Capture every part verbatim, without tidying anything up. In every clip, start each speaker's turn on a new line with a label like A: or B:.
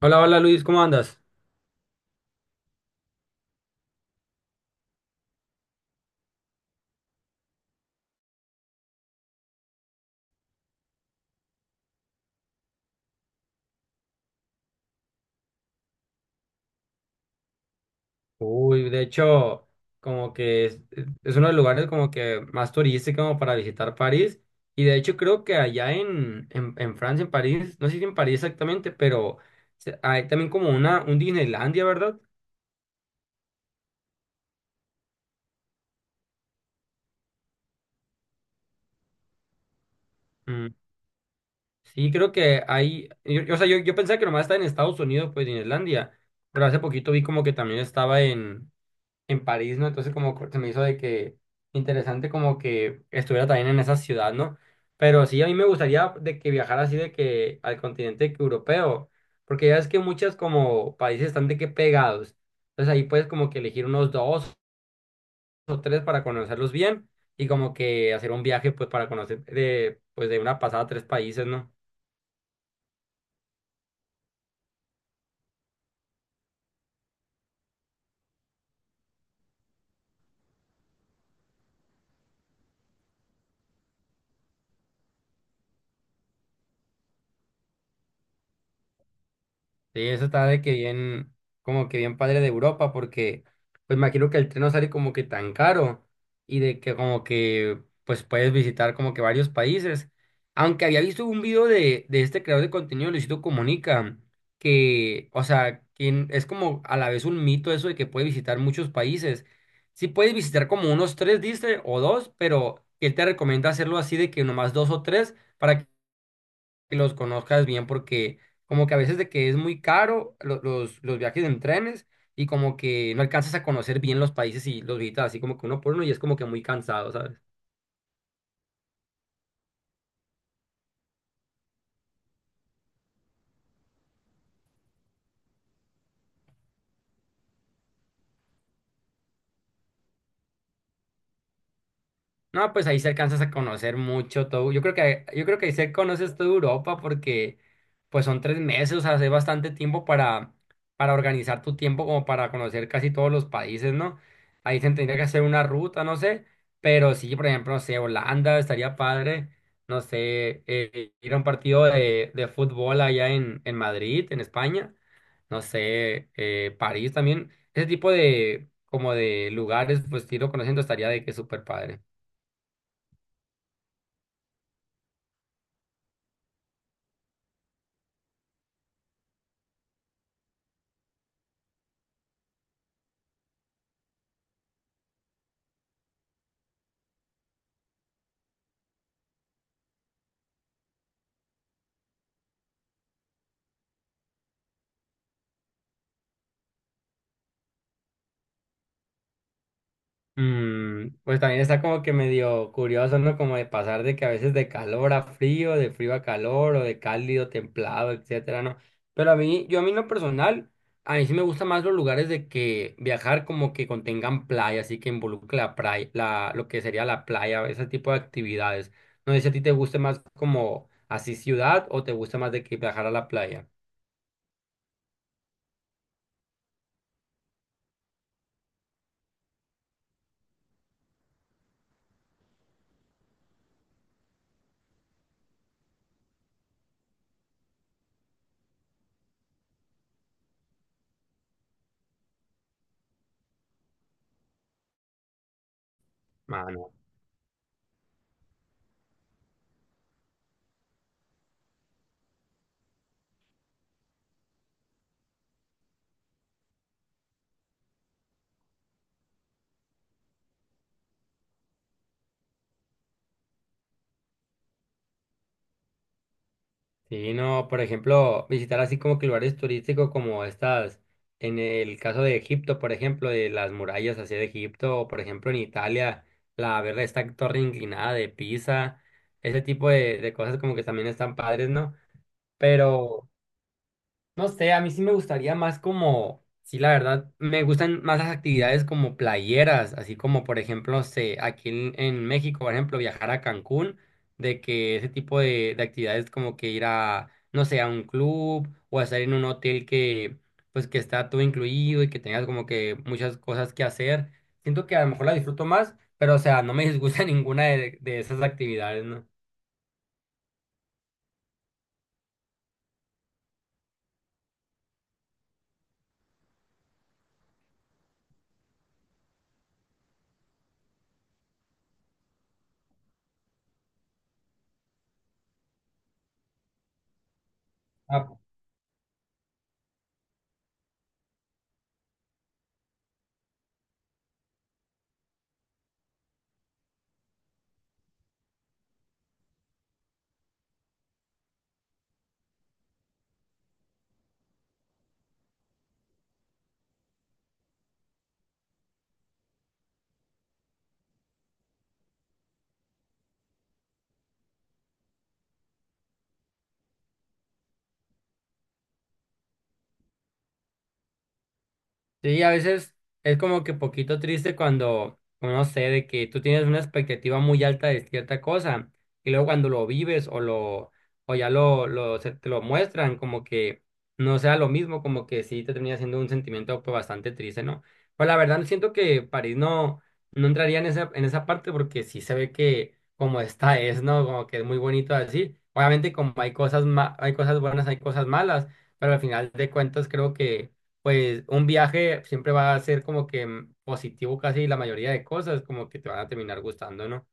A: Hola, hola Luis, ¿cómo andas? Uy, de hecho, como que es, es uno de los lugares como que más turístico como para visitar París. Y de hecho creo que allá en, en, en Francia, en París, no sé si en París exactamente, pero se- hay también como una, un Disneylandia, ¿verdad? Mm, sí, creo que hay, yo, yo- o sea, yo, yo pensaba que nomás estaba en Estados Unidos, pues Disneylandia, pero hace poquito vi como que también estaba en París, ¿no? Entonces como que se me hizo de que interesante como que estuviera también en esa ciudad, ¿no? Pero sí, a mí me gustaría de que viajara así de que al continente que europeo, porque ya es que muchas como países están de que pegados. Entonces ahí puedes como que elegir unos dos o tres para conocerlos bien y como que hacer un viaje pues para conocer de pues de una pasada tres países, ¿no? Sí, eso está de que bien, como que bien padre de Europa, porque pues me imagino que el tren no sale como que tan caro y de que como que pues puedes visitar como que varios países. Aunque había visto un video de, de este creador de contenido, Luisito Comunica, que, o sea, quien es como a la vez un mito eso de que puedes visitar muchos países. Sí puedes visitar como unos tres, dice, o dos, pero que él te recomienda hacerlo así de que nomás dos o tres para que los conozcas bien porque como que a veces de que es muy caro lo- los, los viajes en trenes y como que no alcanzas a conocer bien los países y los visitas así como que uno por uno y es como que muy cansado, ¿sabes? No, pues ahí se alcanzas a conocer mucho todo. Yo creo que yo creo que ahí se conoces toda Europa porque pues son tres meses, o sea, hace bastante tiempo para, para organizar tu tiempo como para conocer casi todos los países, ¿no? Ahí se tendría que hacer una ruta, no sé, pero sí, por ejemplo, no sé, Holanda estaría padre, no sé, eh, ir a un partido de, de fútbol allá en, en Madrid, en España, no sé, eh, París también, ese tipo de como de lugares, pues ir conociendo estaría de que súper padre. Mm, pues también está como que medio curioso, ¿no? Como de pasar de que a veces de calor a frío, de frío a calor, o de cálido, templado, etcétera, ¿no? Pero a mí, yo a mí en lo personal, a mí sí me gustan más los lugares de que viajar como que contengan playa, así que involucre la playa, la, lo que sería la playa, ese tipo de actividades. No sé si a ti te guste más como así ciudad o te gusta más de que viajar a la playa. Sí, no, por ejemplo, visitar así como que lugares turísticos como estas, en el caso de Egipto, por ejemplo, de las murallas hacia de Egipto, o por ejemplo en Italia, la ver esta torre inclinada de Pisa, ese tipo de, de cosas como que también están padres, ¿no? Pero no sé, a mí sí me gustaría más como, sí, la verdad, me gustan más las actividades como playeras, así como, por ejemplo, no sé, aquí en, en México, por ejemplo, viajar a Cancún, de que ese tipo de, de actividades como que ir a, no sé, a un club o estar en un hotel que, pues, que está todo incluido y que tengas como que muchas cosas que hacer. Siento que a lo mejor la disfruto más, pero, o sea, no me disgusta ninguna de, de esas actividades, ¿no? Sí, a veces es como que poquito triste cuando, no sé, de que tú tienes una expectativa muy alta de cierta cosa y luego cuando lo vives o lo o ya lo, lo se te lo muestran como que no sea lo mismo, como que sí te termina siendo un sentimiento pues, bastante triste, ¿no? Pues la verdad siento que París no no entraría en esa en esa parte porque sí se ve que como está es, ¿no? Como que es muy bonito así. Obviamente como hay cosas ma- hay cosas buenas, hay cosas malas, pero al final de cuentas creo que pues un viaje siempre va a ser como que mm, positivo casi la mayoría de cosas, como que te van a terminar gustando, ¿no?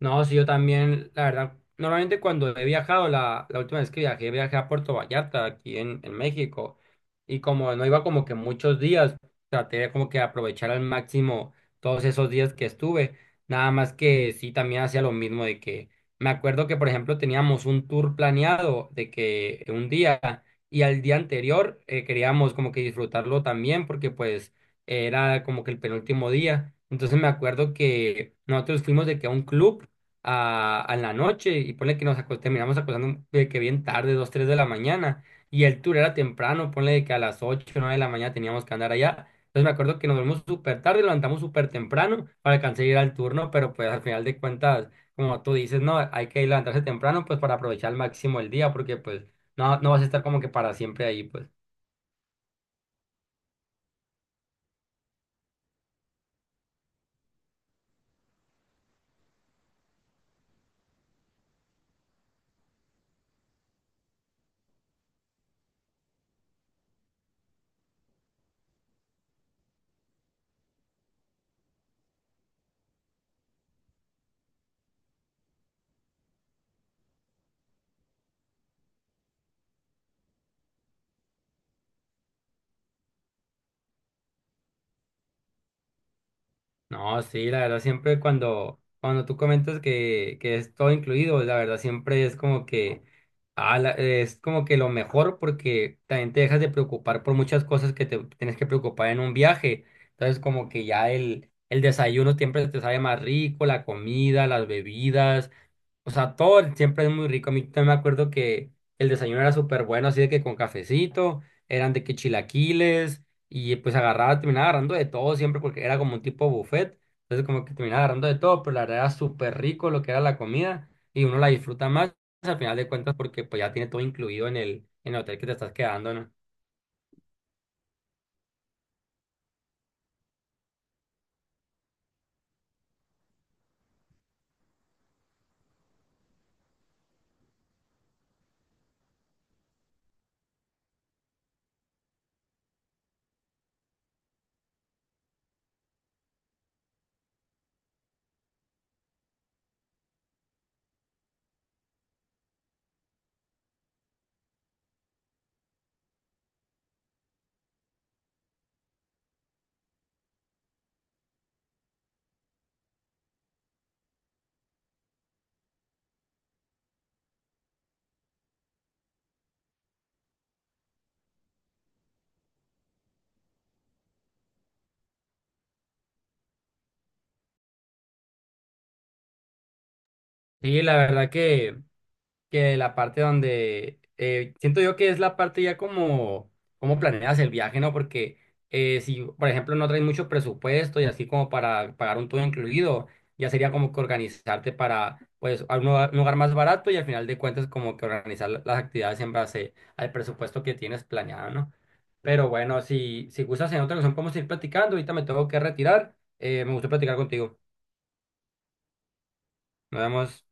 A: No, sí, yo también, la verdad, normalmente cuando he viajado, la, la última vez que viajé, viajé a Puerto Vallarta, aquí en, en México, y como no iba como que muchos días, traté de como que aprovechar al máximo todos esos días que estuve, nada más que sí, también hacía lo mismo de que, me acuerdo que, por ejemplo, teníamos un tour planeado de que un día, y al día anterior eh, queríamos como que disfrutarlo también, porque pues era como que el penúltimo día, entonces me acuerdo que nosotros fuimos de que a un club, a, a la noche y ponle que nos acos- terminamos acostando de que bien tarde, dos tres de la mañana y el tour era temprano, ponle de que a las ocho nueve de la mañana teníamos que andar allá. Entonces me acuerdo que nos dormimos súper tarde, levantamos súper temprano para alcanzar a ir al turno, pero pues al final de cuentas, como tú dices, no, hay que levantarse temprano pues para aprovechar al máximo el día porque pues no, no vas a estar como que para siempre ahí pues. No, sí, la verdad siempre cuando, cuando tú comentas que, que es todo incluido, la verdad siempre es como que ah, la- es como que lo mejor porque también te dejas de preocupar por muchas cosas que te tienes que preocupar en un viaje. Entonces como que ya el, el desayuno siempre te sabe más rico, la comida, las bebidas. O sea, todo el- siempre es muy rico. A mí también me acuerdo que el desayuno era súper bueno, así de que con cafecito, eran de que chilaquiles, y pues agarraba, terminaba agarrando de todo siempre porque era como un tipo buffet. Entonces como que terminaba agarrando de todo, pero la verdad era súper rico lo que era la comida y uno la disfruta más al final de cuentas porque pues ya tiene todo incluido en el, en el hotel que te estás quedando, ¿no? Sí, la verdad que... que la parte donde eh, siento yo que es la parte ya como como planeas el viaje, ¿no? Porque eh, si, por ejemplo, no traes mucho presupuesto y así como para pagar un todo incluido, ya sería como que organizarte para, pues, a un lugar, un lugar, más barato y al final de cuentas como que organizar la- las actividades en base al presupuesto que tienes planeado, ¿no? Pero bueno, si, si, gustas en otra ocasión podemos ir platicando, ahorita me tengo que retirar. Eh, me gustó platicar contigo, nos vemos.